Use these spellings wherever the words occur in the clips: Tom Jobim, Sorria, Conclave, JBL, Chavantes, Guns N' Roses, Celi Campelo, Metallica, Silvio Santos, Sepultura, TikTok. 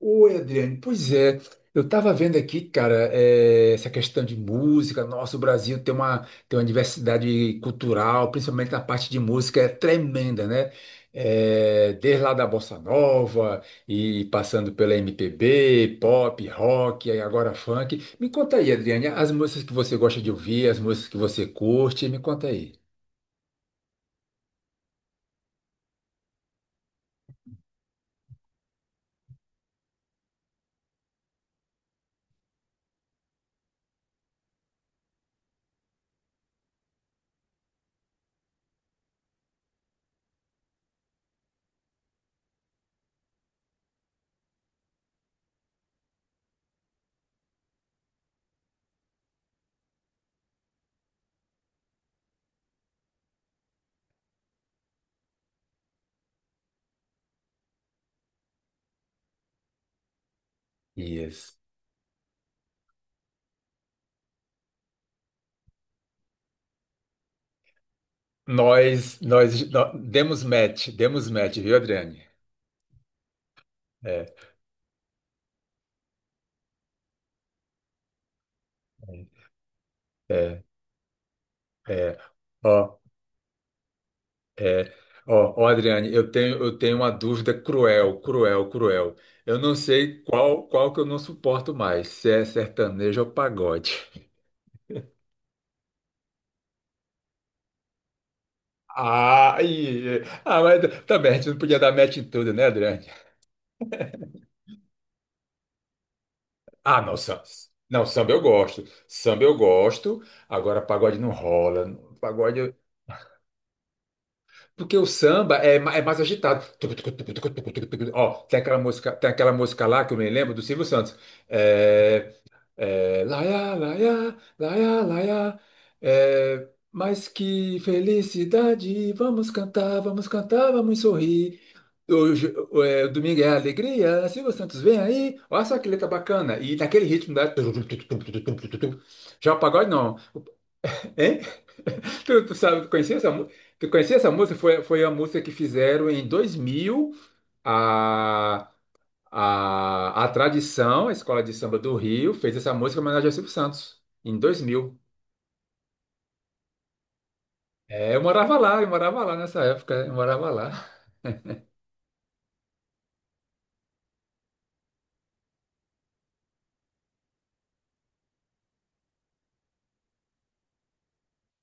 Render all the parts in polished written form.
Oi, Adriane. Pois é, eu estava vendo aqui, cara, essa questão de música. Nossa, o Brasil tem tem uma diversidade cultural, principalmente na parte de música, é tremenda, né? Desde lá da Bossa Nova e passando pela MPB, pop, rock, aí agora funk. Me conta aí, Adriane, as músicas que você gosta de ouvir, as músicas que você curte, me conta aí. Isso. Demos match, demos match, viu, Adriane? É. É, ó, é, Ó, Adriane, eu tenho uma dúvida cruel, cruel, cruel. Eu não sei qual que eu não suporto mais, se é sertanejo ou pagode. Ah, mas também a gente não podia dar match em tudo, né, Adriane? Ah, não, samba. Não, samba eu gosto. Samba eu gosto. Agora pagode não rola. Pagode. Porque o samba é, é mais agitado. Ó, tem aquela música lá que eu me lembro do Silvio Santos. É, É, laia, laia, laia, laia. É, mas que felicidade! Vamos cantar, vamos cantar, vamos sorrir. Hoje, Domingo é alegria. Silvio Santos vem aí. Olha só que letra bacana. E naquele ritmo da. Já o pagode não. Hein? Tu conhecia essa música? Tu conhecia essa música? Foi a música que fizeram em 2000. A tradição, a escola de samba do Rio, fez essa música em homenagem ao Silvio Santos, em 2000. É, eu morava lá nessa época, eu morava lá.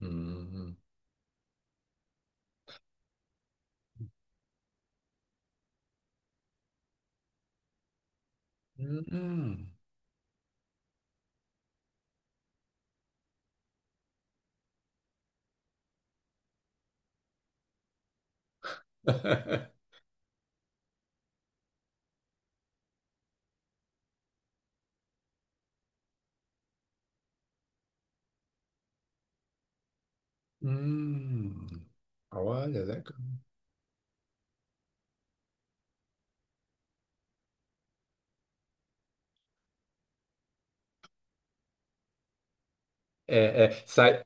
Hum, hum, hum. Olha, legal. É, é, sa-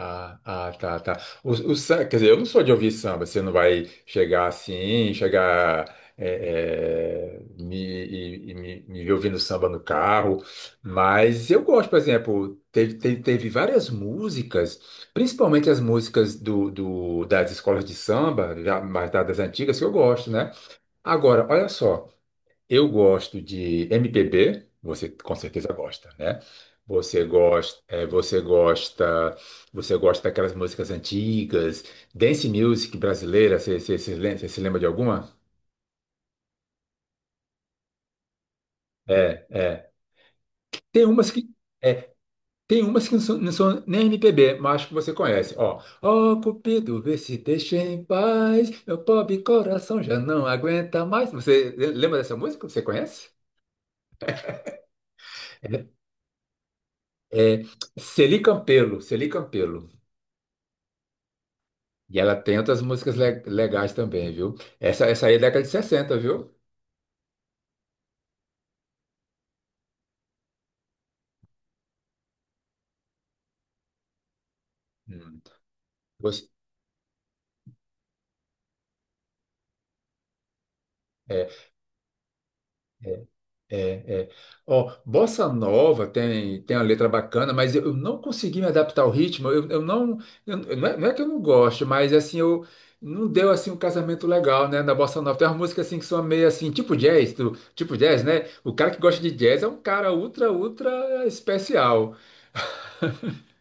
tá. Quer dizer, eu não sou de ouvir samba. Você não vai chegar assim, chegar é, é, me, e me ver ouvindo samba no carro. Mas eu gosto, por exemplo, teve várias músicas, principalmente as músicas das escolas de samba, já mais das antigas, que eu gosto, né? Agora, olha só. Eu gosto de MPB, você com certeza gosta, né? Você gosta, é, você gosta, você gosta daquelas músicas antigas, dance music brasileira, você se lembra de alguma? É. Tem umas é, tem umas que não são, não são nem MPB, mas acho que você conhece. Ó, ó, Cupido, vê se deixa em paz, meu pobre coração já não aguenta mais. Você lembra dessa música? Você conhece? É, é, Celi Campelo, Celi Campelo. E ela tem outras músicas legais também, viu? Essa aí é década de 60, viu? Hum. Gos- É, é, é. Ó, Bossa Nova tem uma letra bacana, mas eu não consegui me adaptar ao ritmo. Não é, não é que eu não gosto, mas assim, eu não deu assim um casamento legal, né, na Bossa Nova. Tem umas músicas assim que são meio assim, tipo jazz, tipo jazz, né? O cara que gosta de jazz é um cara ultra, ultra especial.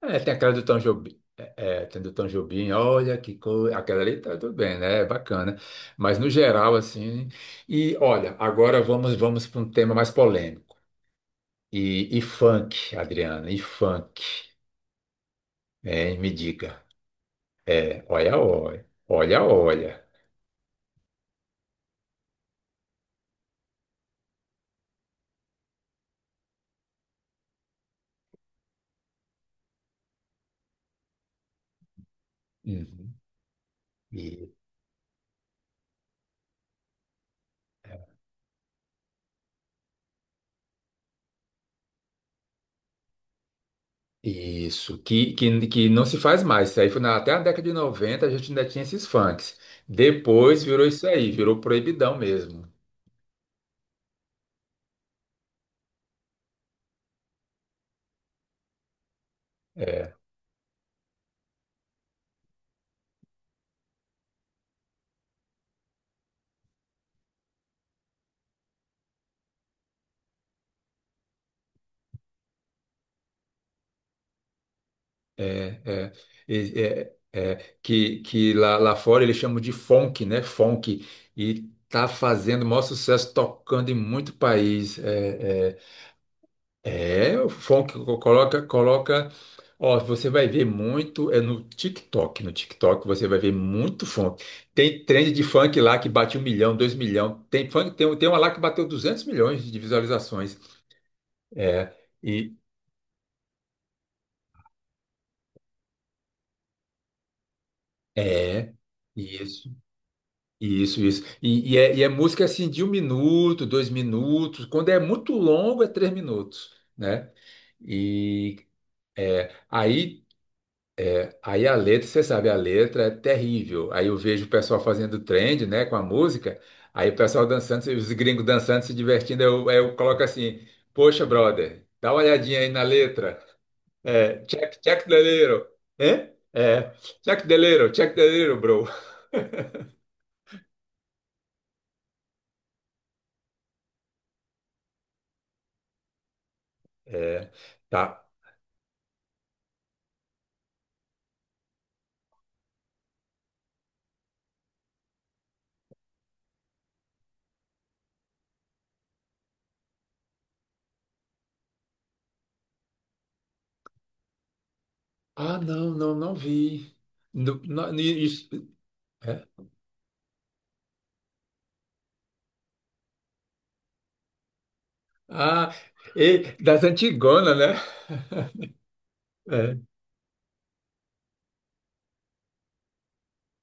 É, tem aquela do Tom Jobim. Tem do Tom Jobim, olha que coisa. Aquela ali tá tudo bem, né? É bacana. Mas no geral, assim. E olha, agora vamos para um tema mais polêmico. E funk, Adriana, e funk. Né? Me diga. É, olha, olha. Olha, olha. Uhum. E, isso, que não se faz mais. Isso aí foi até a década de 90 a gente ainda tinha esses funks. Depois virou isso aí, virou proibidão mesmo. É, é. É que lá, lá fora eles chamam de funk, né? Funk. E tá fazendo o maior sucesso tocando em muito país. O funk coloca, coloca. Ó, você vai ver muito, é no TikTok. No TikTok você vai ver muito funk. Tem trend de funk lá que bate um milhão, dois milhão. Tem funk, tem uma lá que bateu 200 milhões de visualizações. É, e é. Isso. Isso, isso. E é música assim de um minuto, dois minutos. Quando é muito longo, é três minutos, né? E aí, aí a letra, você sabe, a letra é terrível. Aí eu vejo o pessoal fazendo trend, né, com a música. Aí o pessoal dançando, os gringos dançando, se divertindo. Eu coloco assim: Poxa, brother, dá uma olhadinha aí na letra. É, check the little. Hã? É, check the little, bro. É, tá. Ah, não, não vi. No- na- ni- isso- é. Ah, e das Antigonas, né? É,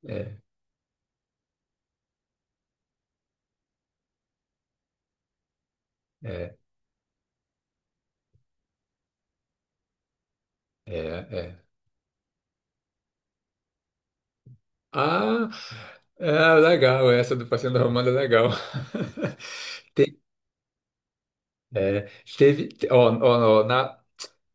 é, é, é, é. Ah, é, legal, essa do Passeio da Romana é legal. Te- é, teve, te- ó, ó, ó, na,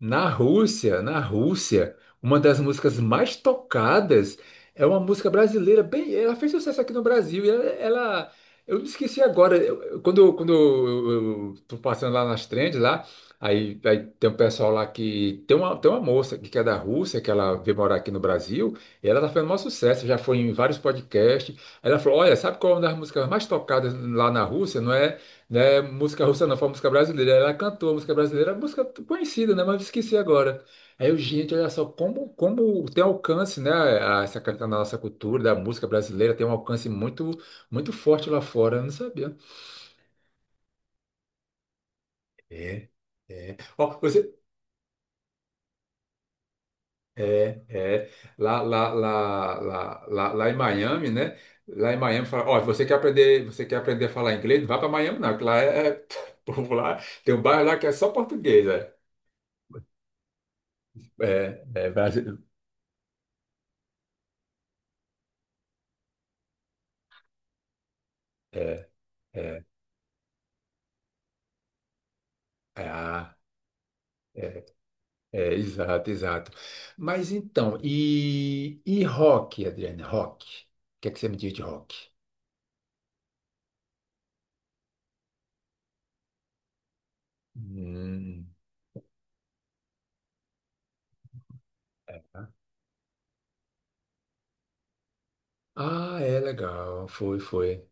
Na Rússia, uma das músicas mais tocadas é uma música brasileira. Bem, ela fez sucesso aqui no Brasil. Eu me esqueci agora. Eu tô passando lá nas trends lá, aí tem um pessoal lá que tem uma moça que é da Rússia que ela veio morar aqui no Brasil. E ela tá fazendo maior sucesso. Já foi em vários podcasts. Aí ela falou, olha, sabe qual é uma das músicas mais tocadas lá na Rússia? Né? Música russa não, foi música brasileira. Ela cantou a música brasileira, a música conhecida, né? Mas eu esqueci agora. Aí eu, gente, olha só como tem alcance, né? Essa canção da nossa cultura, da música brasileira, tem um alcance muito forte lá fora. Eu não sabia. É, é. Ó, você. É. Lá em Miami, né? Lá em Miami, fala, ó, você quer aprender a falar inglês? Não vai para Miami, não, que povo lá, tem um bairro lá que é só português, né? É, é, Brasil, É, ah, é, é, exato, exato. Mas então, e rock, Adriane, rock? O que é que você me diz de rock? Hum. Ah, é legal, foi, foi.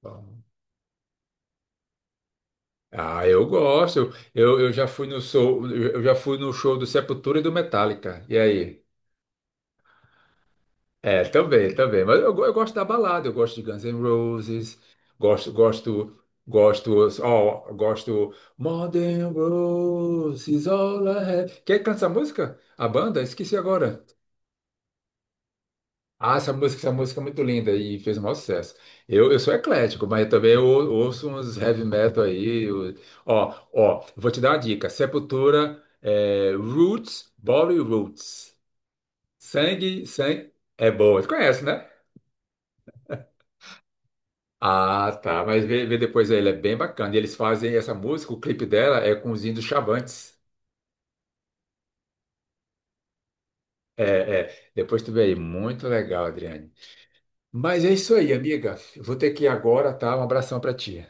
Bom. Ah, eu gosto. Eu já fui no show, eu já fui no show do Sepultura e do Metallica. E aí? É, também, também. Eu gosto da balada, eu gosto de Guns N' Roses, gosto, gosto, gosto, ó, gosto More Than Roses, All I Have. Quem canta essa música? A banda? Esqueci agora. Ah, essa música é muito linda e fez o maior sucesso. Eu sou eclético, mas também eu ouço uns heavy metal aí. Ó, ó, vou te dar uma dica. Sepultura, é, Roots, Body Roots. Sangue, sangue. É boa. Tu conhece, né? Ah, tá. Mas vê depois aí, ele é bem bacana. E eles fazem essa música, o clipe dela é com os índios Chavantes. É, é. Depois tu vê aí. Muito legal, Adriane. Mas é isso aí, amiga. Eu vou ter que ir agora, tá? Um abração pra ti.